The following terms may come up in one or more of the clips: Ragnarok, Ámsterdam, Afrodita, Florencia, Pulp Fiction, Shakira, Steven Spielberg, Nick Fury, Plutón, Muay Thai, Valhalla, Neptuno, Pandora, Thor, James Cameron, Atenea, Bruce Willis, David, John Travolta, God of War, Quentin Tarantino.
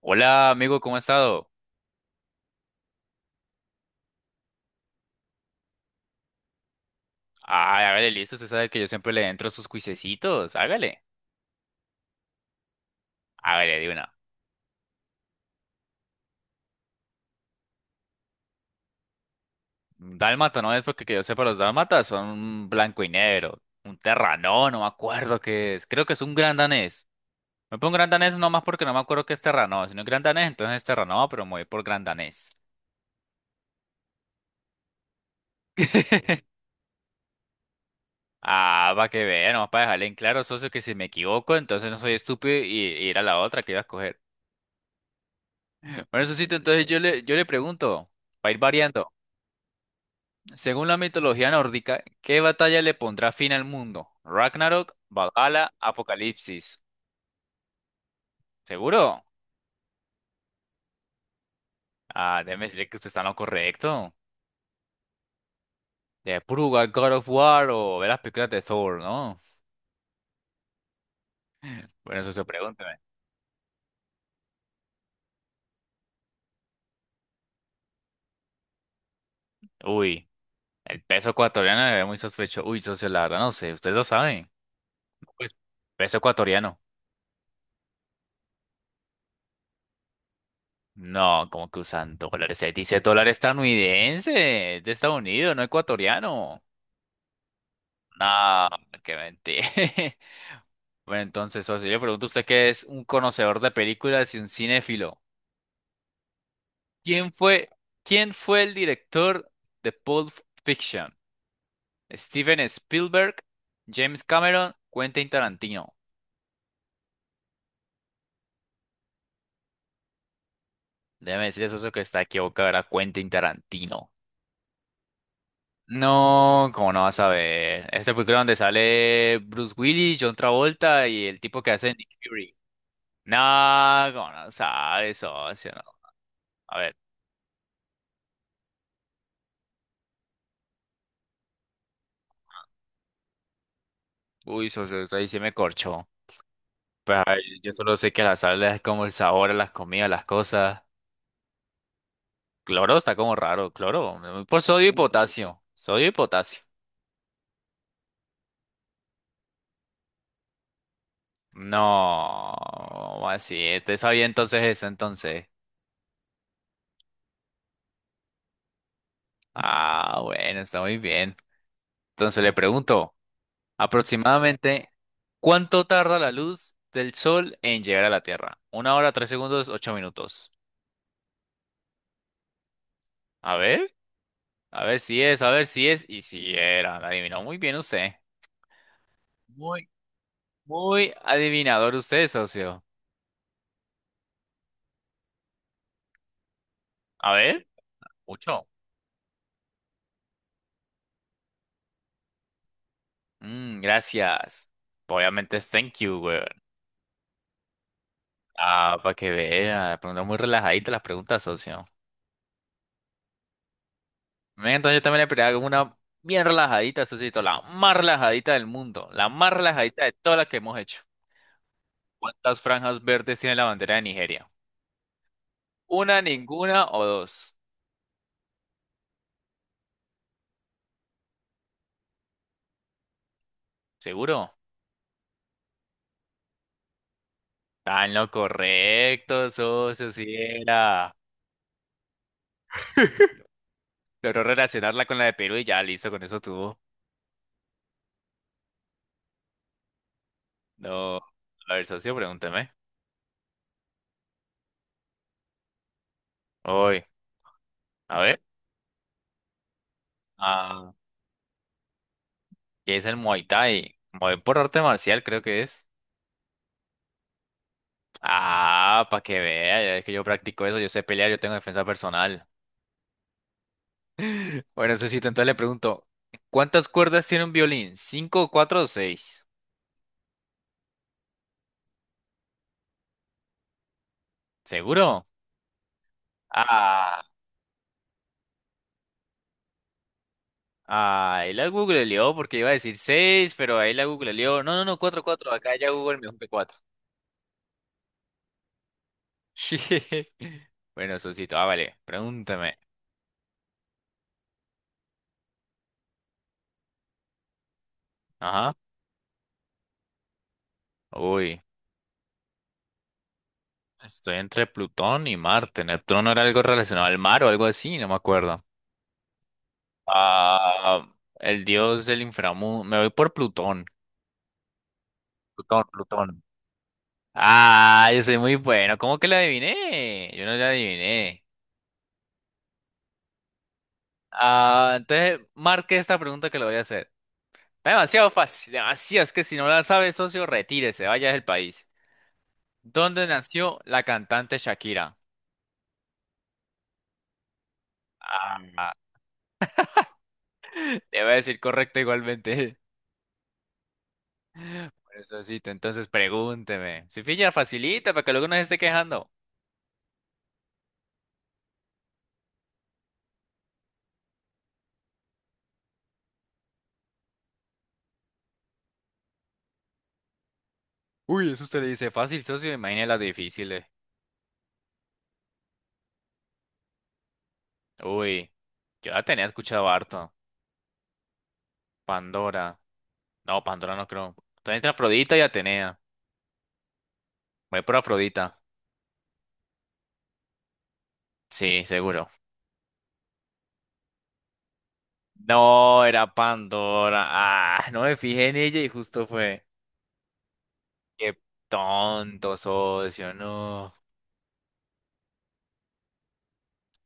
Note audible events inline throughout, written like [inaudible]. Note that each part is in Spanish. Hola, amigo, ¿cómo ha estado? Ay, hágale, listo, usted sabe que yo siempre le entro a sus cuisecitos, hágale. Hágale, de una. Un Dálmata, no es porque que yo sepa, los dálmatas son un blanco y negro, un terranó, no me acuerdo qué es, creo que es un gran danés. Me pongo gran danés no más porque no me acuerdo qué es terranó, si no es gran danés, entonces es terranó, pero me voy por gran danés. [laughs] Ah, para que vea, nomás para dejarle en claro, socio, que si me equivoco, entonces no soy estúpido y, ir a la otra que iba a escoger. Bueno, socito, entonces yo le pregunto, para ir variando. Según la mitología nórdica, ¿qué batalla le pondrá fin al mundo? Ragnarok, Valhalla, Apocalipsis. ¿Seguro? Ah, déjeme decirle que usted está en lo correcto. De Pruga, God of War o ver las películas de Thor, ¿no? Bueno, eso se pregúnteme. Uy, el peso ecuatoriano me ve muy sospechoso. Uy, socio, la verdad no sé, ustedes lo saben. No, pues, peso ecuatoriano. No, como que usan dólares. Se dice dólar estadounidense, es de Estados Unidos, no ecuatoriano. No, qué mentira. [laughs] Bueno, entonces, socio, yo le pregunto a usted que es un conocedor de películas y un cinéfilo. ¿Quién fue, ¿quién fue el director de Pulp Fiction? ¿Steven Spielberg, James Cameron, Quentin Tarantino? Déjeme decirle, socio, que está equivocado, era Quentin Tarantino. No, ¿cómo no vas a ver? Esta película donde sale Bruce Willis, John Travolta y el tipo que hace Nick Fury. No, ¿cómo no sabe, socio? No. A ver, uy, socio, usted ahí sí me corchó. Pues, ay, yo solo sé que la sal es como el sabor a las comidas, las cosas. Cloro está como raro, cloro. Por sodio y potasio. Sodio y potasio. No, así, te sabía entonces eso entonces. Ah, bueno, está muy bien. Entonces le pregunto, aproximadamente, ¿cuánto tarda la luz del sol en llegar a la Tierra? Una hora, tres segundos, ocho minutos. A ver, a ver si es, y si era, la adivinó muy bien usted. Muy Muy adivinador usted, socio. A ver. Mucho. Mm, gracias. Obviamente, thank you, weón. Ah, para que vea. Preguntas muy relajaditas las preguntas, socio. Venga, entonces yo también le pregunto una bien relajadita, socito. La más relajadita del mundo. La más relajadita de todas las que hemos hecho. ¿Cuántas franjas verdes tiene la bandera de Nigeria? ¿Una, ninguna o dos? ¿Seguro? Está en lo correcto, socio, si era. Logró relacionarla con la de Perú y ya listo, con eso tuvo. No, a ver, socio, pregúnteme. Hoy, a ver, ah, ¿qué es el Muay Thai? Muay por arte marcial, creo que es. Ah, para que vea, ya es que yo practico eso, yo sé pelear, yo tengo defensa personal. [laughs] Bueno, Sosito, entonces le pregunto, ¿cuántas cuerdas tiene un violín? ¿Cinco, cuatro o seis? ¿Seguro? Ah, ah, ahí la googleó porque iba a decir seis, pero ahí la googleó. No, no, no, cuatro, cuatro, acá ya Google me dijo que cuatro. [laughs] Bueno, Sosito, ah, vale, pregúntame. Ajá. Uy. Estoy entre Plutón y Marte. Neptuno era algo relacionado al mar o algo así, no me acuerdo. Ah, el dios del inframundo. Me voy por Plutón. Plutón, Plutón. Ah, yo soy muy bueno. ¿Cómo que la adiviné? Yo no la adiviné. Ah, entonces marque esta pregunta que le voy a hacer. Está demasiado fácil, demasiado. Es que si no la sabe, socio, retírese, vaya del país. ¿Dónde nació la cantante Shakira? Ah, [laughs] le voy a decir correcto igualmente. Precisito, entonces pregúnteme. Si pilla, facilita para que luego no se esté quejando. Uy, eso usted le dice fácil, socio. Imagine las difíciles. Uy, yo la tenía escuchado harto. Pandora. No, Pandora no creo. Entonces entre Afrodita y Atenea. Voy por Afrodita. Sí, seguro. No, era Pandora. Ah, no me fijé en ella y justo fue. Qué tonto, socio, no.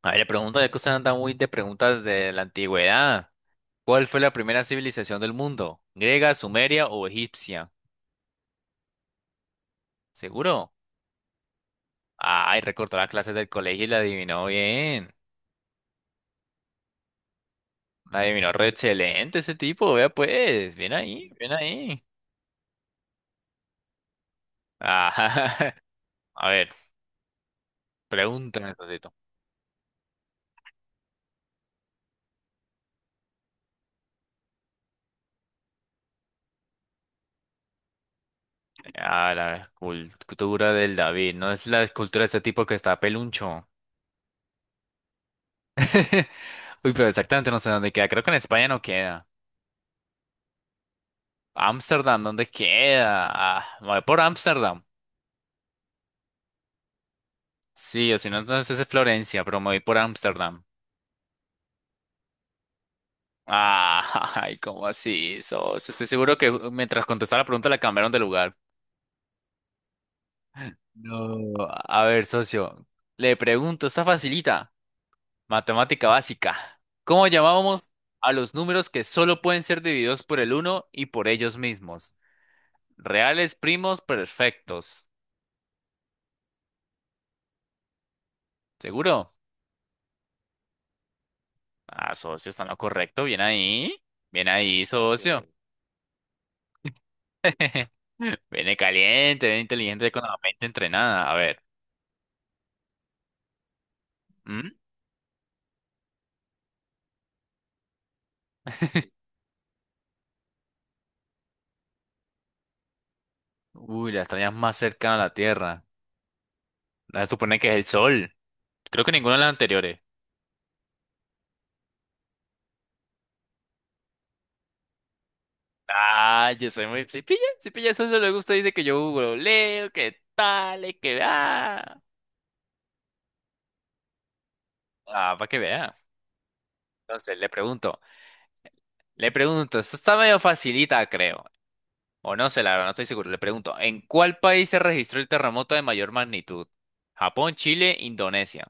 A ver, le pregunto, ya que usted anda muy de preguntas de la antigüedad. ¿Cuál fue la primera civilización del mundo? ¿Griega, sumeria o egipcia? ¿Seguro? Ay, recortó las clases del colegio y la adivinó bien. La adivinó re excelente ese tipo, vea pues. Bien ahí, bien ahí. Ah, [laughs] a ver, pregúntame, Sosito. Ah, la escultura del David. No es la escultura de ese tipo que está peluncho. [laughs] Uy, pero exactamente no sé dónde queda. Creo que en España no queda. Ámsterdam, ¿dónde queda? Ah, me voy por Ámsterdam. Sí, o si no, entonces es Florencia, pero me voy por Ámsterdam. Ah, [laughs] ay, ¿cómo así, socio? Estoy seguro que mientras contestaba la pregunta la cambiaron de lugar. No, a ver, socio. Le pregunto, está facilita. Matemática básica. ¿Cómo llamábamos a los números que solo pueden ser divididos por el uno y por ellos mismos? Reales, primos, perfectos. ¿Seguro? Ah, socio, está en lo correcto. Bien ahí. Bien ahí, socio. [laughs] Viene caliente, viene inteligente con la mente entrenada. A ver. ¿Mm? Uy, la estrella más cercana a la Tierra. La supone que es el Sol. Creo que ninguna de las anteriores. Ah, yo soy muy... Si pilla, si pilla, eso se le gusta. Dice que yo googleo, que tal, y que... Ah, ah, para que vea. Entonces, le pregunto. Le pregunto. Esto está medio facilita, creo. O no sé, la verdad, no estoy seguro. Le pregunto. ¿En cuál país se registró el terremoto de mayor magnitud? Japón, Chile, Indonesia.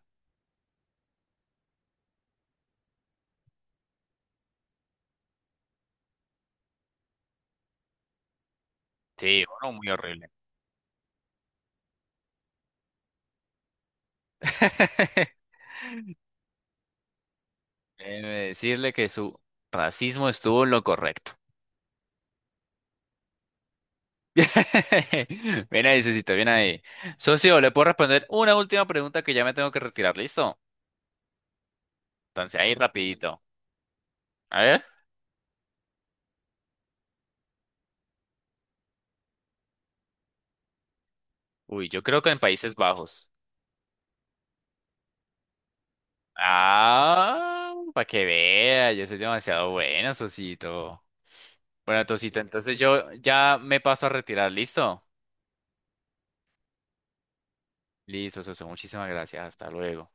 Sí, uno muy horrible. [laughs] Déjeme decirle que su racismo estuvo en lo correcto. [laughs] Bien ahí, Susito, bien ahí. Socio, le puedo responder una última pregunta que ya me tengo que retirar, ¿listo? Entonces ahí rapidito. A ver. Uy, yo creo que en Países Bajos. Ah, para que vea, yo soy demasiado bueno, Sosito. Bueno, Tosito, entonces yo ya me paso a retirar, ¿listo? Listo, Soso, muchísimas gracias, hasta luego.